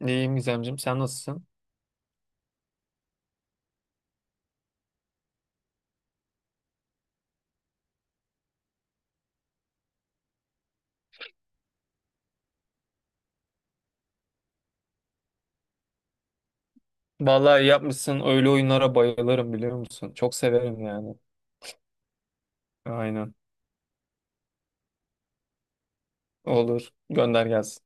İyiyim Gizemciğim, sen nasılsın? Vallahi iyi yapmışsın. Öyle oyunlara bayılırım biliyor musun? Çok severim yani. Aynen. Olur. Gönder gelsin.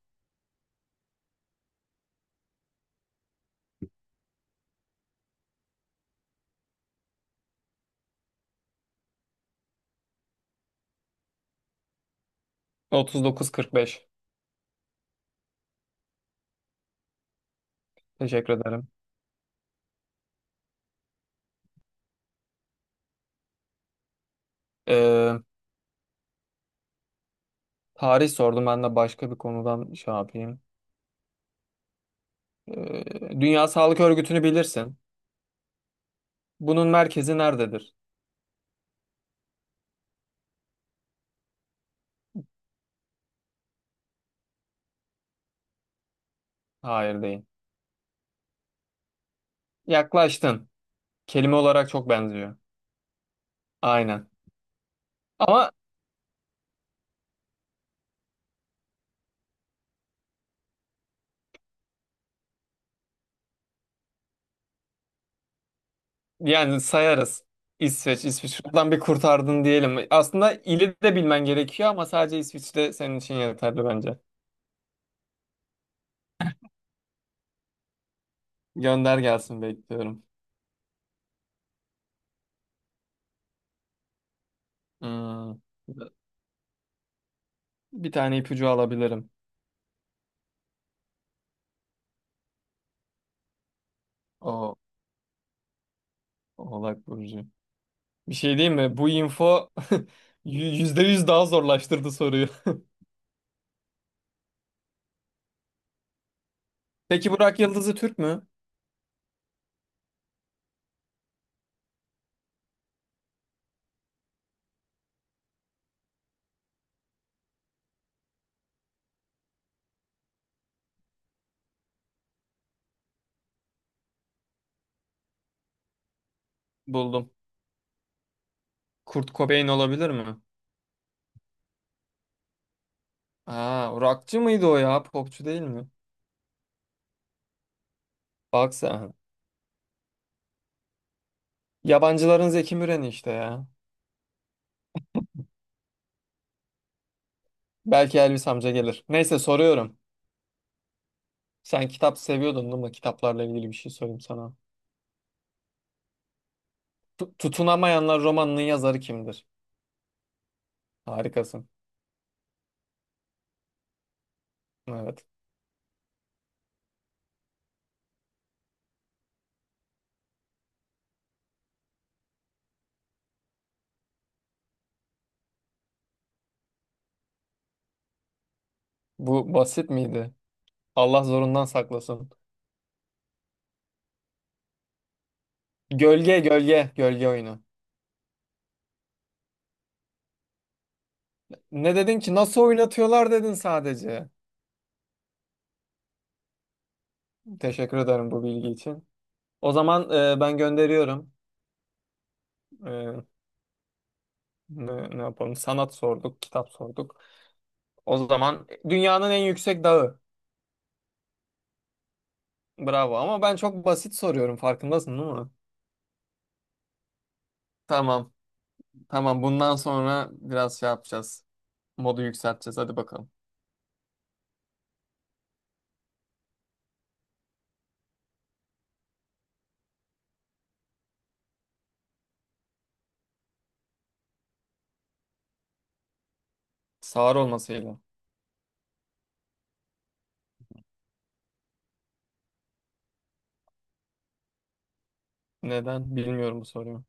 39-45. Teşekkür ederim. Ee, tarih sordum. Ben de başka bir konudan şey yapayım. Ee, Dünya Sağlık Örgütü'nü bilirsin. Bunun merkezi nerededir? Hayır değil. Yaklaştın. Kelime olarak çok benziyor. Aynen. Ama. Yani sayarız. İsveç, İsveç. Buradan bir kurtardın diyelim. Aslında ili de bilmen gerekiyor ama sadece İsviçre senin için yeterli bence. Gönder gelsin bekliyorum. Hmm. Bir tane ipucu alabilirim. O Oğlak Burcu. Bir şey diyeyim mi? Bu info yüzde yüz daha zorlaştırdı soruyu. Peki Burak Yıldız'ı Türk mü? Buldum. Kurt Cobain olabilir mi? Aa, rockçı mıydı o ya? Popçu değil mi? Bak sen. Yabancıların Zeki Müren'i işte ya. Belki Elvis amca gelir. Neyse soruyorum. Sen kitap seviyordun değil mi? Kitaplarla ilgili bir şey sorayım sana. Tutunamayanlar romanının yazarı kimdir? Harikasın. Evet. Bu basit miydi? Allah zorundan saklasın. Gölge, gölge, gölge oyunu. Ne dedin ki? Nasıl oynatıyorlar dedin sadece. Teşekkür ederim bu bilgi için. O zaman ben gönderiyorum. E, ne yapalım? Sanat sorduk, kitap sorduk. O zaman dünyanın en yüksek dağı. Bravo ama ben çok basit soruyorum farkındasın değil mi? Tamam. Tamam. Bundan sonra biraz şey yapacağız. Modu yükselteceğiz. Hadi bakalım. Sağır olmasıyla. Neden? Bilmiyorum bu soruyu.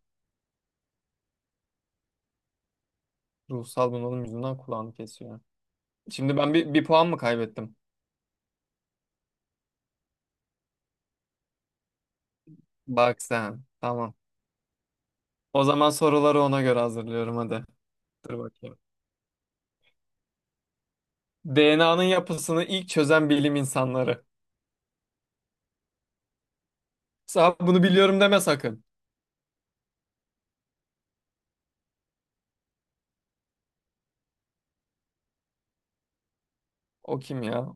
Ruhsal bunalım yüzünden kulağını kesiyor. Şimdi ben bir puan mı kaybettim? Bak sen. Tamam. O zaman soruları ona göre hazırlıyorum hadi. Dur bakayım. DNA'nın yapısını ilk çözen bilim insanları. Sen bunu biliyorum deme sakın. O kim ya?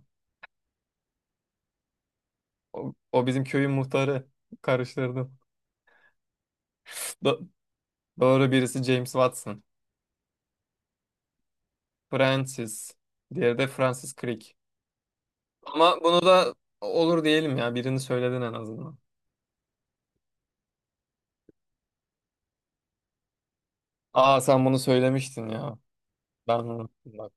O bizim köyün muhtarı. Karıştırdım. Do- doğru birisi James Watson. Francis. Diğeri de Francis Crick. Ama bunu da olur diyelim ya. Birini söyledin en azından. Aa, sen bunu söylemiştin ya. Ben unuttum bak.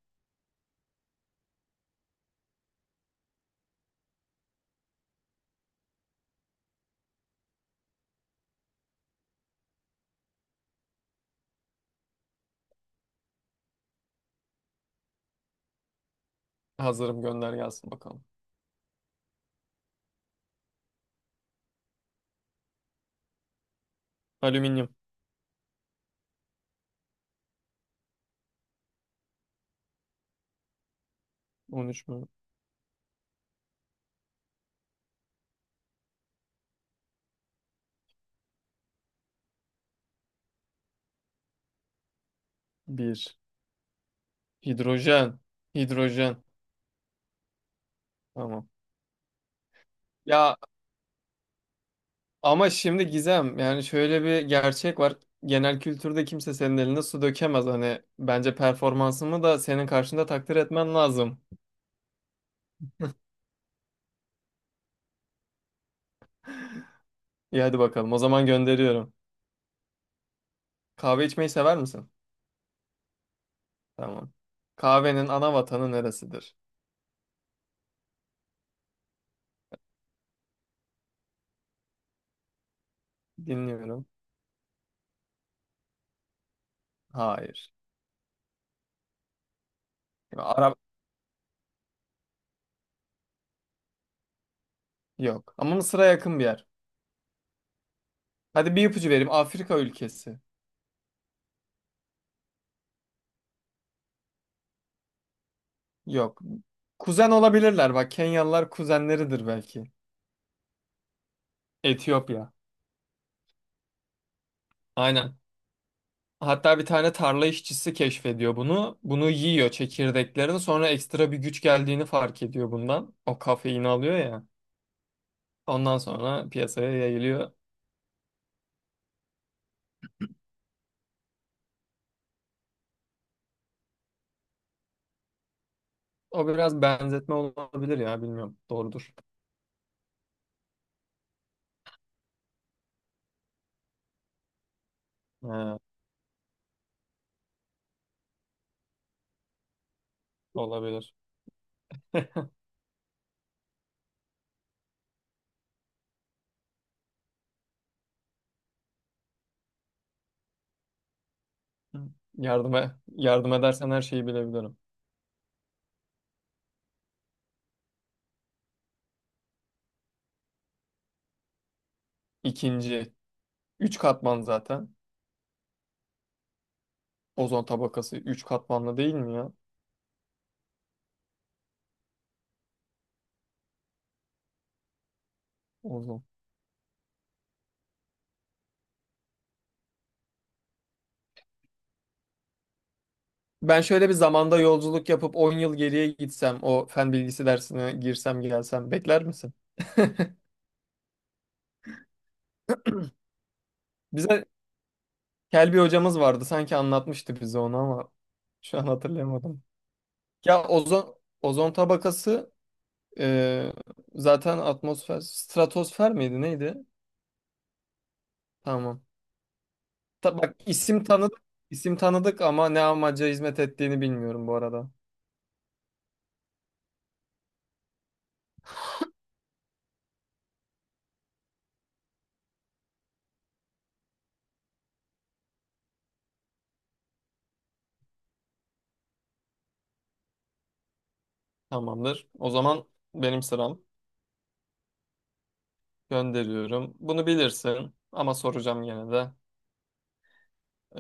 Hazırım, gönder gelsin bakalım. Alüminyum. 13 mü? 1. Hidrojen. Hidrojen. Tamam. Ya ama şimdi Gizem yani şöyle bir gerçek var. Genel kültürde kimse senin eline su dökemez. Hani bence performansımı da senin karşında takdir etmen lazım. İyi hadi bakalım. O zaman gönderiyorum. Kahve içmeyi sever misin? Tamam. Kahvenin ana vatanı neresidir? Dinliyorum. Hayır. Arap yok. Ama Mısır'a yakın bir yer. Hadi bir ipucu vereyim. Afrika ülkesi. Yok. Kuzen olabilirler. Bak, Kenyalılar kuzenleridir belki. Etiyopya. Aynen. Hatta bir tane tarla işçisi keşfediyor bunu. Bunu yiyor çekirdeklerini. Sonra ekstra bir güç geldiğini fark ediyor bundan. O kafeini alıyor ya. Ondan sonra piyasaya yayılıyor. O biraz benzetme olabilir ya, bilmiyorum. Doğrudur. He, olabilir. Yardıma yardım edersen her şeyi bilebilirim. İkinci. 3 katman zaten. Ozon tabakası 3 katmanlı değil mi ya? Ozon. Ben şöyle bir zamanda yolculuk yapıp 10 yıl geriye gitsem, o fen bilgisi dersine girsem gelsem bekler misin? Bize Kelbi hocamız vardı. Sanki anlatmıştı bize onu ama şu an hatırlayamadım. Ya ozon tabakası, e, zaten atmosfer stratosfer miydi neydi? Tamam. Bak, isim tanıdık isim tanıdık ama ne amaca hizmet ettiğini bilmiyorum bu arada. Tamamdır. O zaman benim sıram. Gönderiyorum. Bunu bilirsin ama soracağım yine de.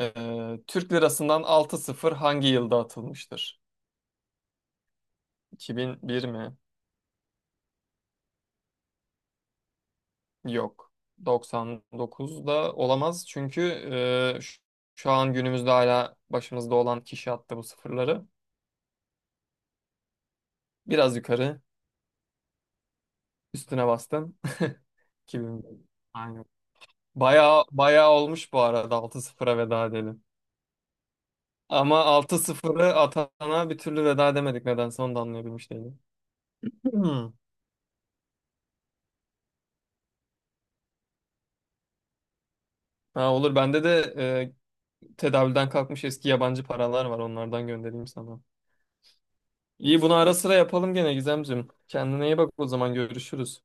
Türk lirasından 6-0 hangi yılda atılmıştır? 2001 mi? Yok. 99'da olamaz çünkü e, ş- şu an günümüzde hala başımızda olan kişi attı bu sıfırları. Biraz yukarı üstüne bastım. 2001. Aynen. Bayağı, bayağı olmuş, bu arada 6-0'a veda edelim. Ama 6-0'ı atana bir türlü veda edemedik, nedense onu da anlayabilmiş değilim. Hmm. Ha, olur, bende de e, tedavülden kalkmış eski yabancı paralar var, onlardan göndereyim sana. İyi, bunu ara sıra yapalım gene Gizemciğim. Kendine iyi bak, o zaman görüşürüz.